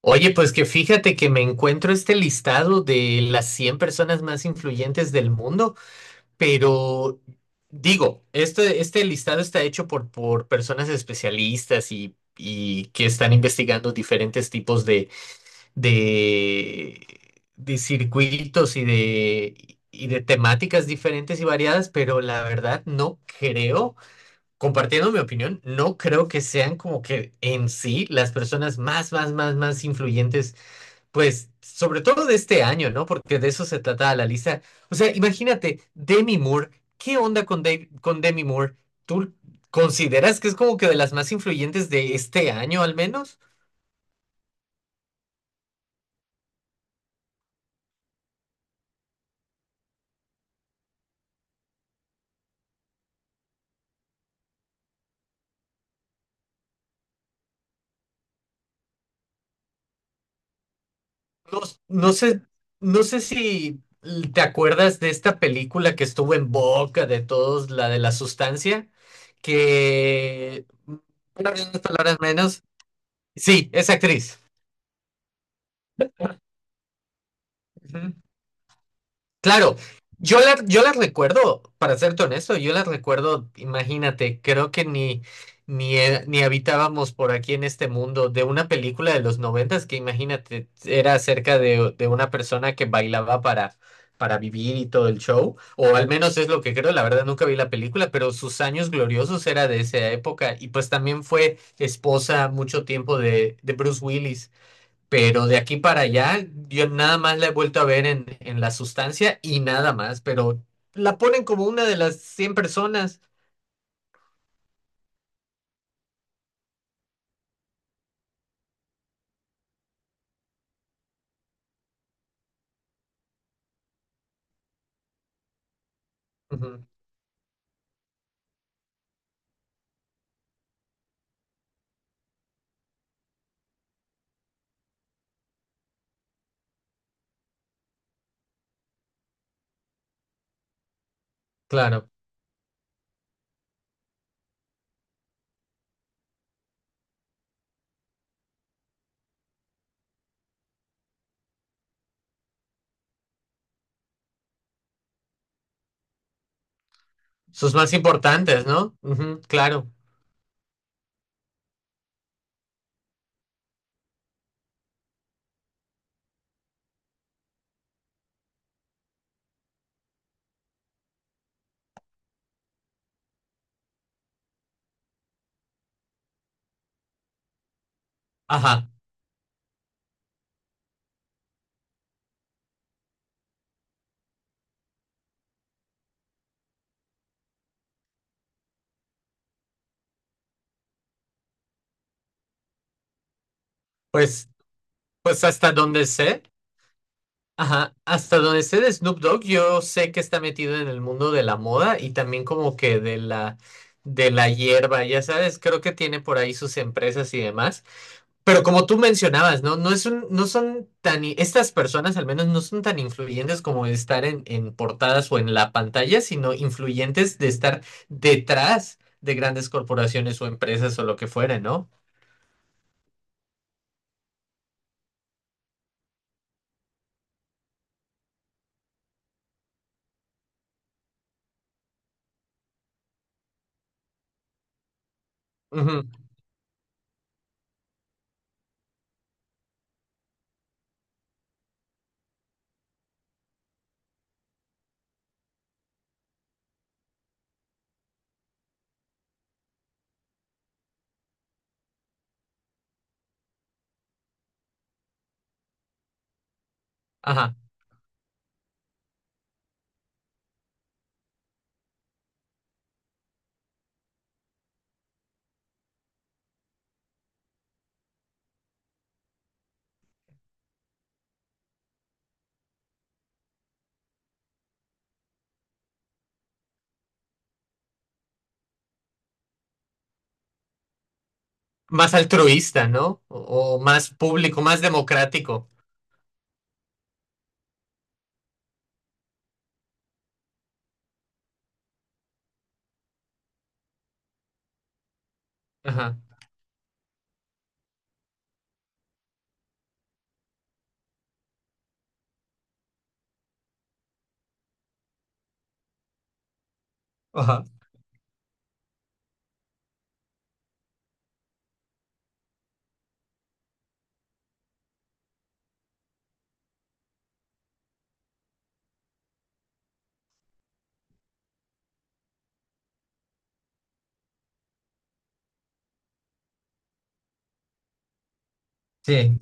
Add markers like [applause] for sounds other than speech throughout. Oye, pues que fíjate que me encuentro este listado de las 100 personas más influyentes del mundo, pero digo, este listado está hecho por personas especialistas y que están investigando diferentes tipos de, de circuitos y de temáticas diferentes y variadas, pero la verdad no creo. Compartiendo mi opinión, no creo que sean como que en sí las personas más, más, más, más influyentes pues sobre todo de este año, ¿no? Porque de eso se trata la lista. O sea, imagínate, Demi Moore, ¿qué onda con Demi Moore? ¿Tú consideras que es como que de las más influyentes de este año al menos? No, no sé, no sé si te acuerdas de esta película que estuvo en boca de todos, la de la sustancia, que bueno, en unas palabras menos. Sí, es actriz. Claro, yo las recuerdo, para serte honesto, yo las recuerdo, imagínate, creo que ni habitábamos por aquí en este mundo de una película de los noventas que imagínate, era acerca de una persona que bailaba para vivir y todo el show, o al menos es lo que creo, la verdad nunca vi la película, pero sus años gloriosos era de esa época y pues también fue esposa mucho tiempo de Bruce Willis. Pero de aquí para allá, yo nada más la he vuelto a ver en La Sustancia y nada más, pero la ponen como una de las cien personas. Ujú, claro. Sus más importantes, ¿no? Ujú, claro. Ajá. Pues, pues hasta donde sé. Ajá, hasta donde sé de Snoop Dogg, yo sé que está metido en el mundo de la moda y también como que de la hierba, ya sabes, creo que tiene por ahí sus empresas y demás. Pero como tú mencionabas, ¿no? No es un, no son tan, i- Estas personas al menos no son tan influyentes como de estar en portadas o en la pantalla, sino influyentes de estar detrás de grandes corporaciones o empresas o lo que fuera, ¿no? Ujú. Ajá. Más altruista, ¿no? O más público, más democrático. Ajá, ajá, sí,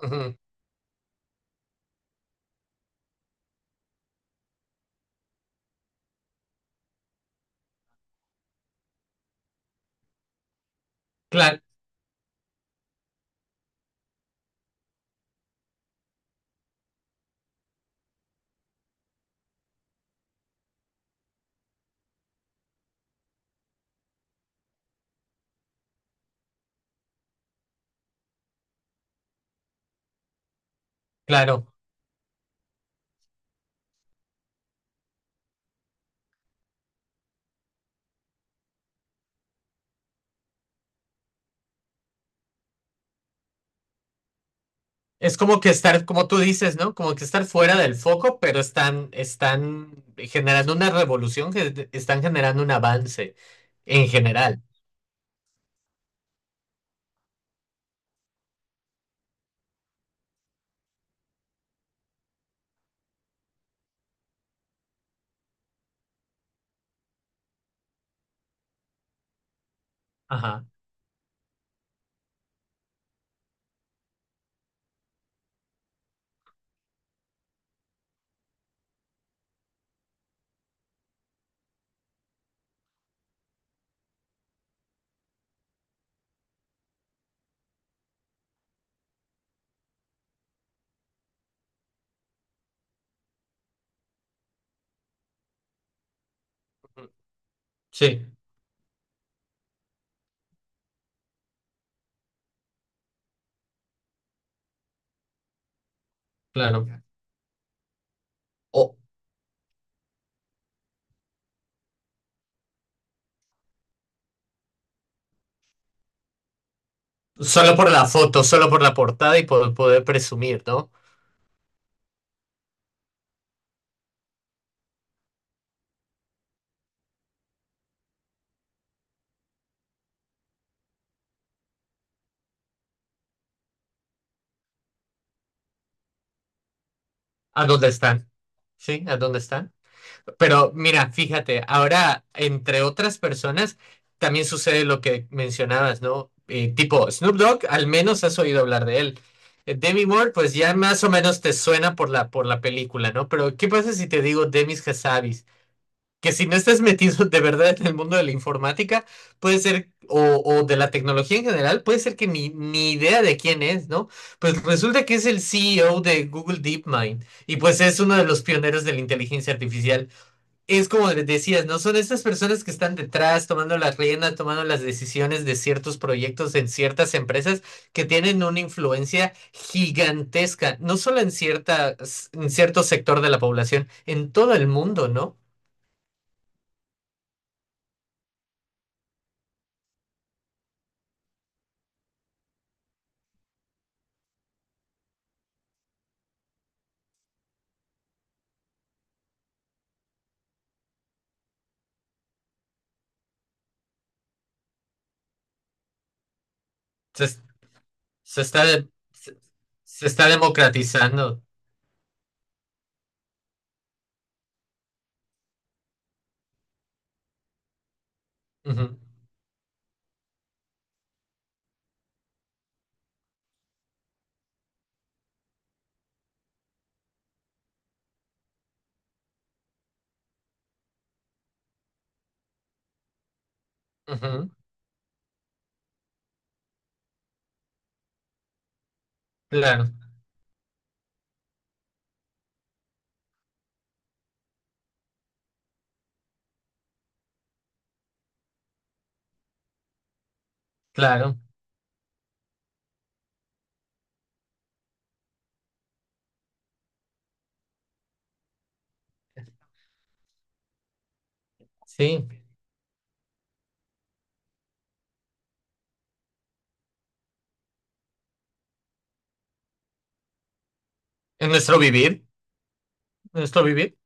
ujú, claro, claro. Es como que estar, como tú dices, ¿no? Como que estar fuera del foco, pero están, están generando una revolución, están generando un avance en general. Ajá, ujú, sí, claro. O solo por la foto, solo por la portada y por poder presumir, ¿no? ¿A dónde están? Sí, ¿a dónde están? Pero mira, fíjate, ahora entre otras personas también sucede lo que mencionabas, ¿no? Tipo, Snoop Dogg, al menos has oído hablar de él. Demi Moore, pues ya más o menos te suena por la película, ¿no? Pero ¿qué pasa si te digo Demis Hassabis? Que si no estás [laughs] metido de verdad en el mundo de la informática, puede ser, o de la tecnología en general, puede ser que ni, ni idea de quién es, ¿no? Pues resulta que es el CEO de Google DeepMind y pues es uno de los pioneros de la inteligencia artificial. Es como les decías, ¿no? Son estas personas que están detrás, tomando las riendas, tomando las decisiones de ciertos proyectos en ciertas empresas que tienen una influencia gigantesca, no solo en cierta, en cierto sector de la población, en todo el mundo, ¿no? Se, es- se está, de- se está democratizando. Ujú, ujú, claro, claro, sí. En nuestro vivir, en nuestro vivir.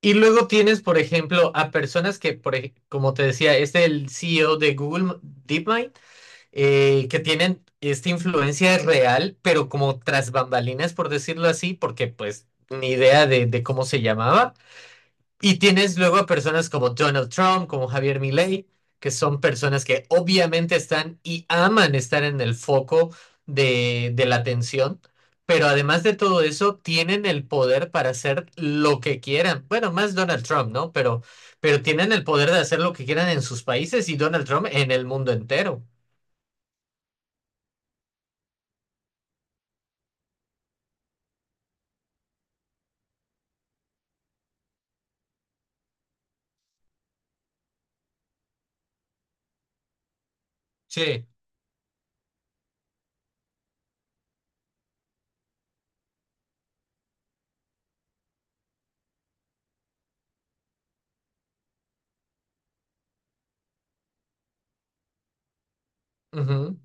Y luego tienes, por ejemplo, a personas que, como te decía, es el CEO de Google DeepMind, que tienen esta influencia real, pero como tras bambalinas, por decirlo así, porque pues ni idea de cómo se llamaba. Y tienes luego a personas como Donald Trump, como Javier Milei, que son personas que obviamente están y aman estar en el foco de la atención, pero además de todo eso, tienen el poder para hacer lo que quieran. Bueno, más Donald Trump, ¿no? Pero tienen el poder de hacer lo que quieran en sus países y Donald Trump en el mundo entero. Sí, ujú,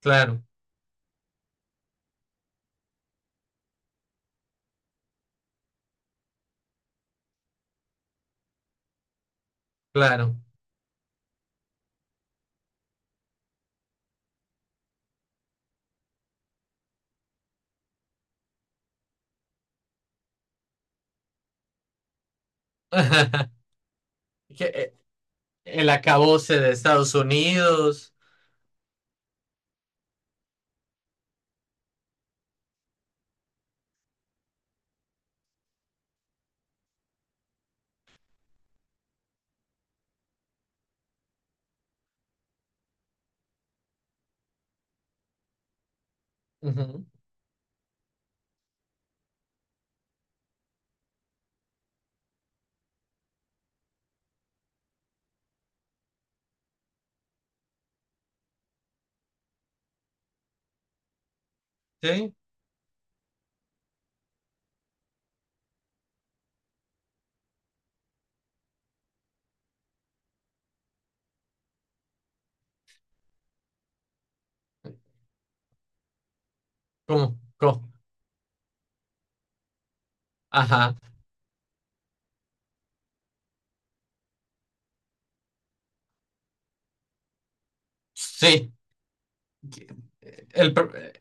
claro, claro. [laughs] Que, el acabose de Estados Unidos. Ujú, sí, ¿cómo? ¿Cómo? Ajá, sí. El, pre-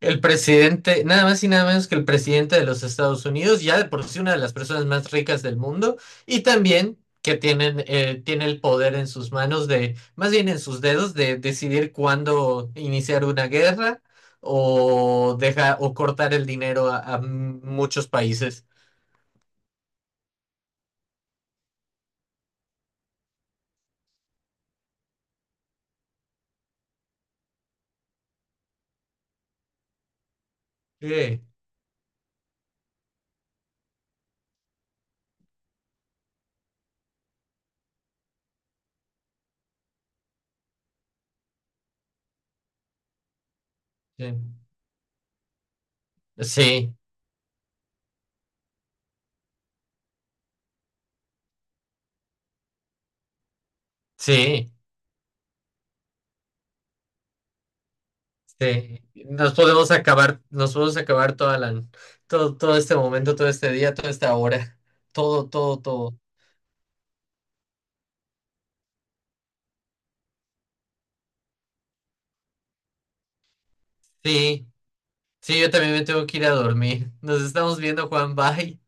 el presidente, nada más y nada menos que el presidente de los Estados Unidos, ya de por sí una de las personas más ricas del mundo, y también que tienen, tiene el poder en sus manos de, más bien en sus dedos, de decidir cuándo iniciar una guerra o deja, o cortar el dinero a muchos países. Sí, sí, sí. Sí. Sí, nos podemos acabar toda la, todo, todo este momento, todo este día, toda esta hora, todo, todo, todo. Sí, sí, yo también me tengo que ir a dormir. Nos estamos viendo, Juan, bye.